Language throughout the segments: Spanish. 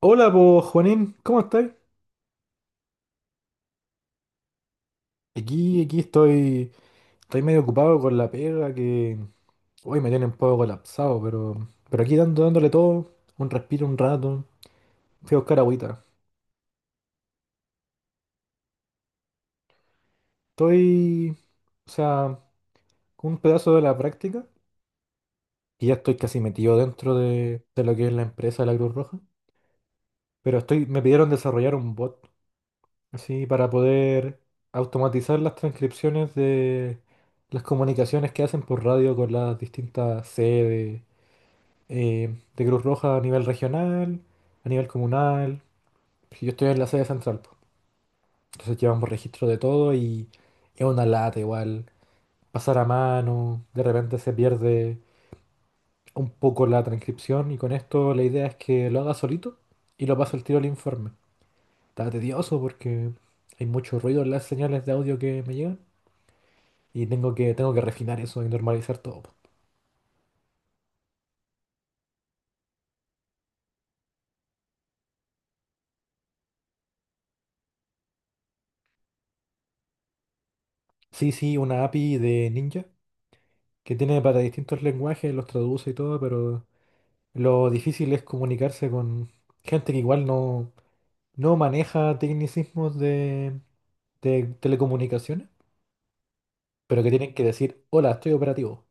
Hola, pues Juanín, ¿cómo estáis? Aquí estoy medio ocupado con la pega que hoy me tiene un poco colapsado, pero aquí dándole todo, un respiro, un rato, fui a buscar agüita. Estoy, o sea, con un pedazo de la práctica y ya estoy casi metido dentro de lo que es la empresa de la Cruz Roja, pero estoy, me pidieron desarrollar un bot, así, para poder automatizar las transcripciones de las comunicaciones que hacen por radio con las distintas sedes de Cruz Roja a nivel regional, a nivel comunal. Yo estoy en la sede central, po. Entonces llevamos registro de todo y es una lata igual. Pasar a mano, de repente se pierde un poco la transcripción y con esto la idea es que lo haga solito y lo paso el tiro al informe. Está tedioso porque hay mucho ruido en las señales de audio que me llegan y tengo que refinar eso y normalizar todo, po. Sí, sí, una API de Ninja que tiene para distintos lenguajes, los traduce y todo, pero lo difícil es comunicarse con gente que igual no maneja tecnicismos de telecomunicaciones, pero que tienen que decir, hola, estoy operativo.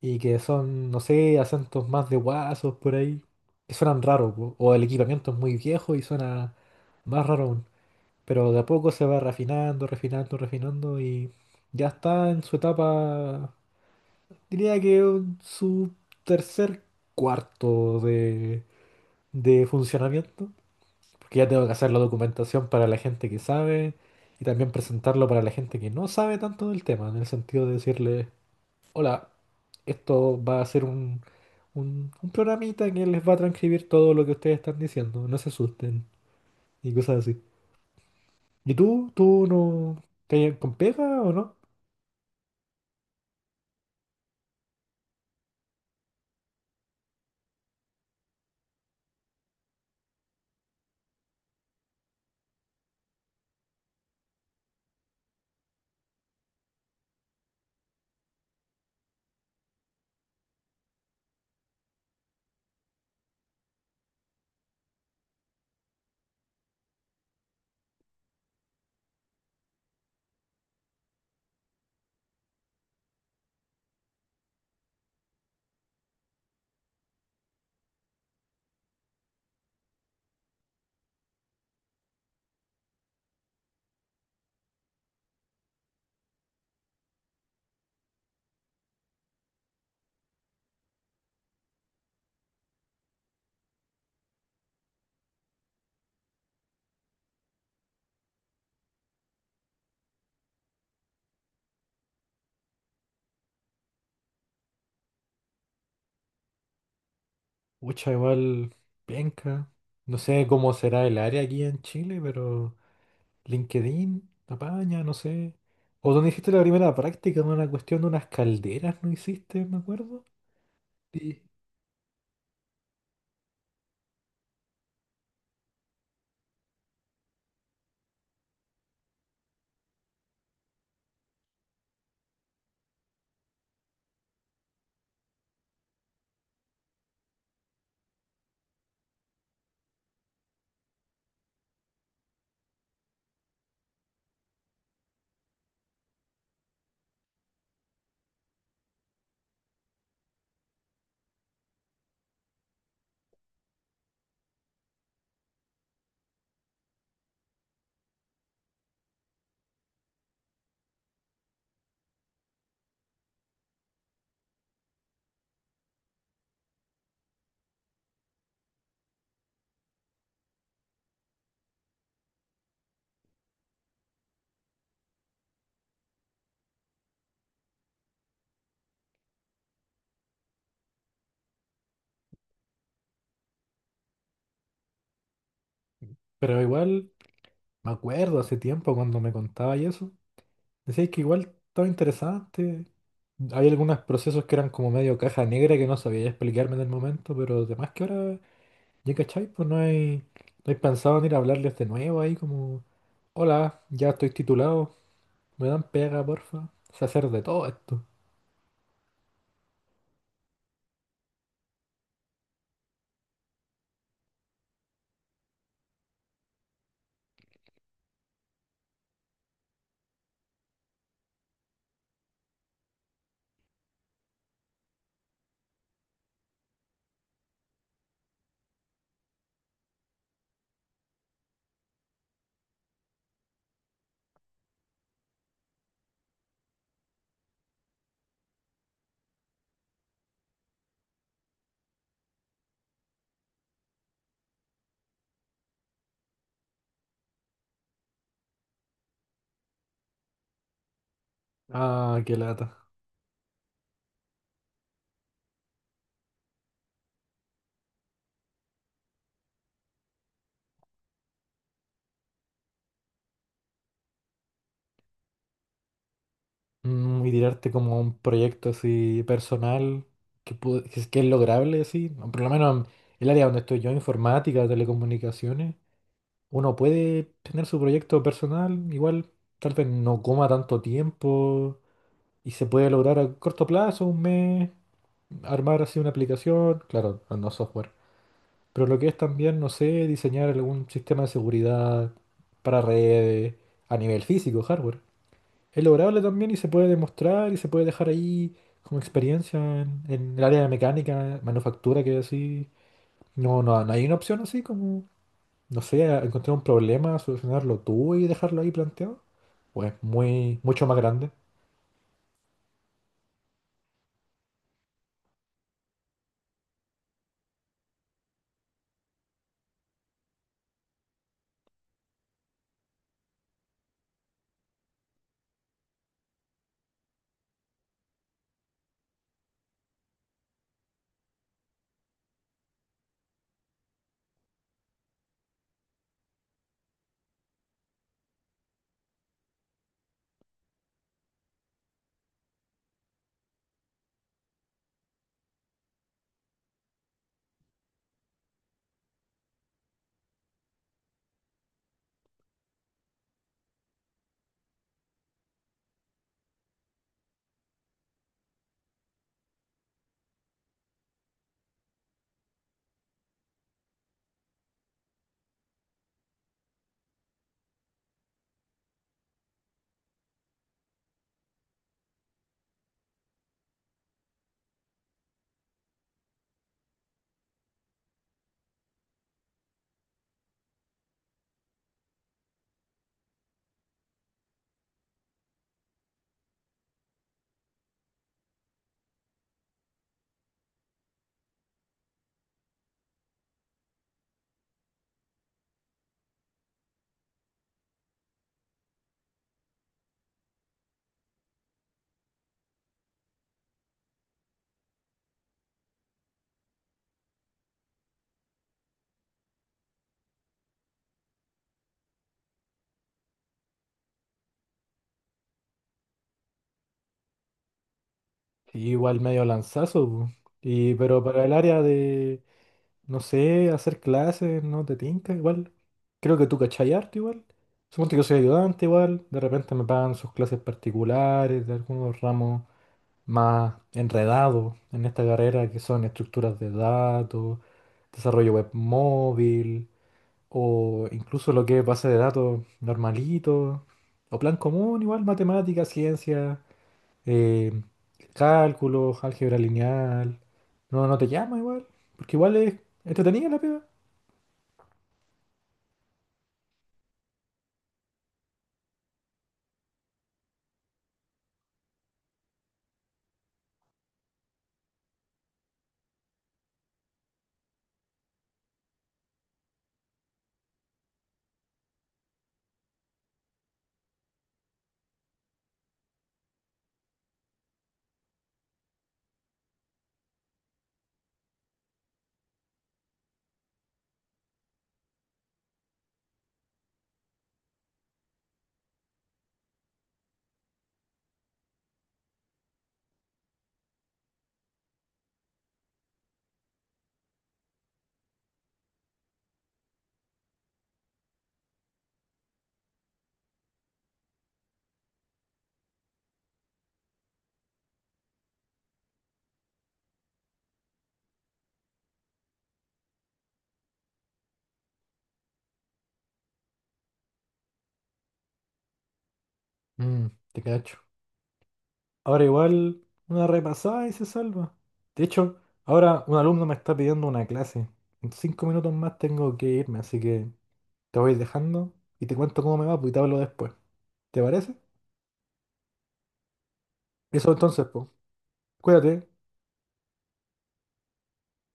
Y que son, no sé, acentos más de guasos por ahí, que suenan raros, po, o el equipamiento es muy viejo y suena más raro aún. Pero de a poco se va refinando, refinando, refinando y ya está en su etapa, diría que en su tercer cuarto de funcionamiento. Porque ya tengo que hacer la documentación para la gente que sabe y también presentarlo para la gente que no sabe tanto del tema, en el sentido de decirle, hola, esto va a ser un programita que les va a transcribir todo lo que ustedes están diciendo, no se asusten y cosas así. ¿Y tú? ¿Tú no te con pega o no? Ucha, igual, penca. No sé cómo será el área aquí en Chile, pero. LinkedIn, Apaña, no sé. O donde hiciste la primera práctica, en una cuestión de unas calderas, ¿no hiciste? Me acuerdo. Sí. Pero igual, me acuerdo hace tiempo cuando me contaba y eso. Decías que igual estaba interesante. Hay algunos procesos que eran como medio caja negra que no sabía explicarme en el momento, pero además que ahora, ya cachai, pues no hay pensado en ir a hablarles de nuevo ahí como, hola, ya estoy titulado, me dan pega, porfa. Sé hacer de todo esto. Ah, qué lata. Mm, y tirarte como a un proyecto así personal que, que es lograble, sí. O por lo menos en el área donde estoy yo, informática, telecomunicaciones, uno puede tener su proyecto personal, igual tal vez no coma tanto tiempo y se puede lograr a corto plazo, un mes, armar así una aplicación, claro, no software. Pero lo que es también, no sé, diseñar algún sistema de seguridad para redes a nivel físico, hardware es lograble también y se puede demostrar y se puede dejar ahí como experiencia en el área de mecánica, manufactura, que así. No, no, no hay una opción así como, no sé, encontrar un problema, solucionarlo tú y dejarlo ahí planteado. Pues muy, mucho más grande. Sí, igual medio lanzazo, pu. Pero para el área de, no sé, hacer clases, no te tinca, igual. Creo que tú cachai harto igual. Suponte que soy ayudante igual. De repente me pagan sus clases particulares de algunos ramos más enredado en esta carrera, que son estructuras de datos, desarrollo web móvil, o incluso lo que es base de datos normalito, o plan común, igual matemáticas, ciencia, eh, cálculos, álgebra lineal. No, no te llama igual, porque igual es entretenida la pega. Mm, te cacho. Ahora igual una repasada y se salva. De hecho, ahora un alumno me está pidiendo una clase. En 5 minutos más tengo que irme, así que te voy dejando y te cuento cómo me va, pues, y te hablo después. ¿Te parece? Eso entonces, pues. Cuídate.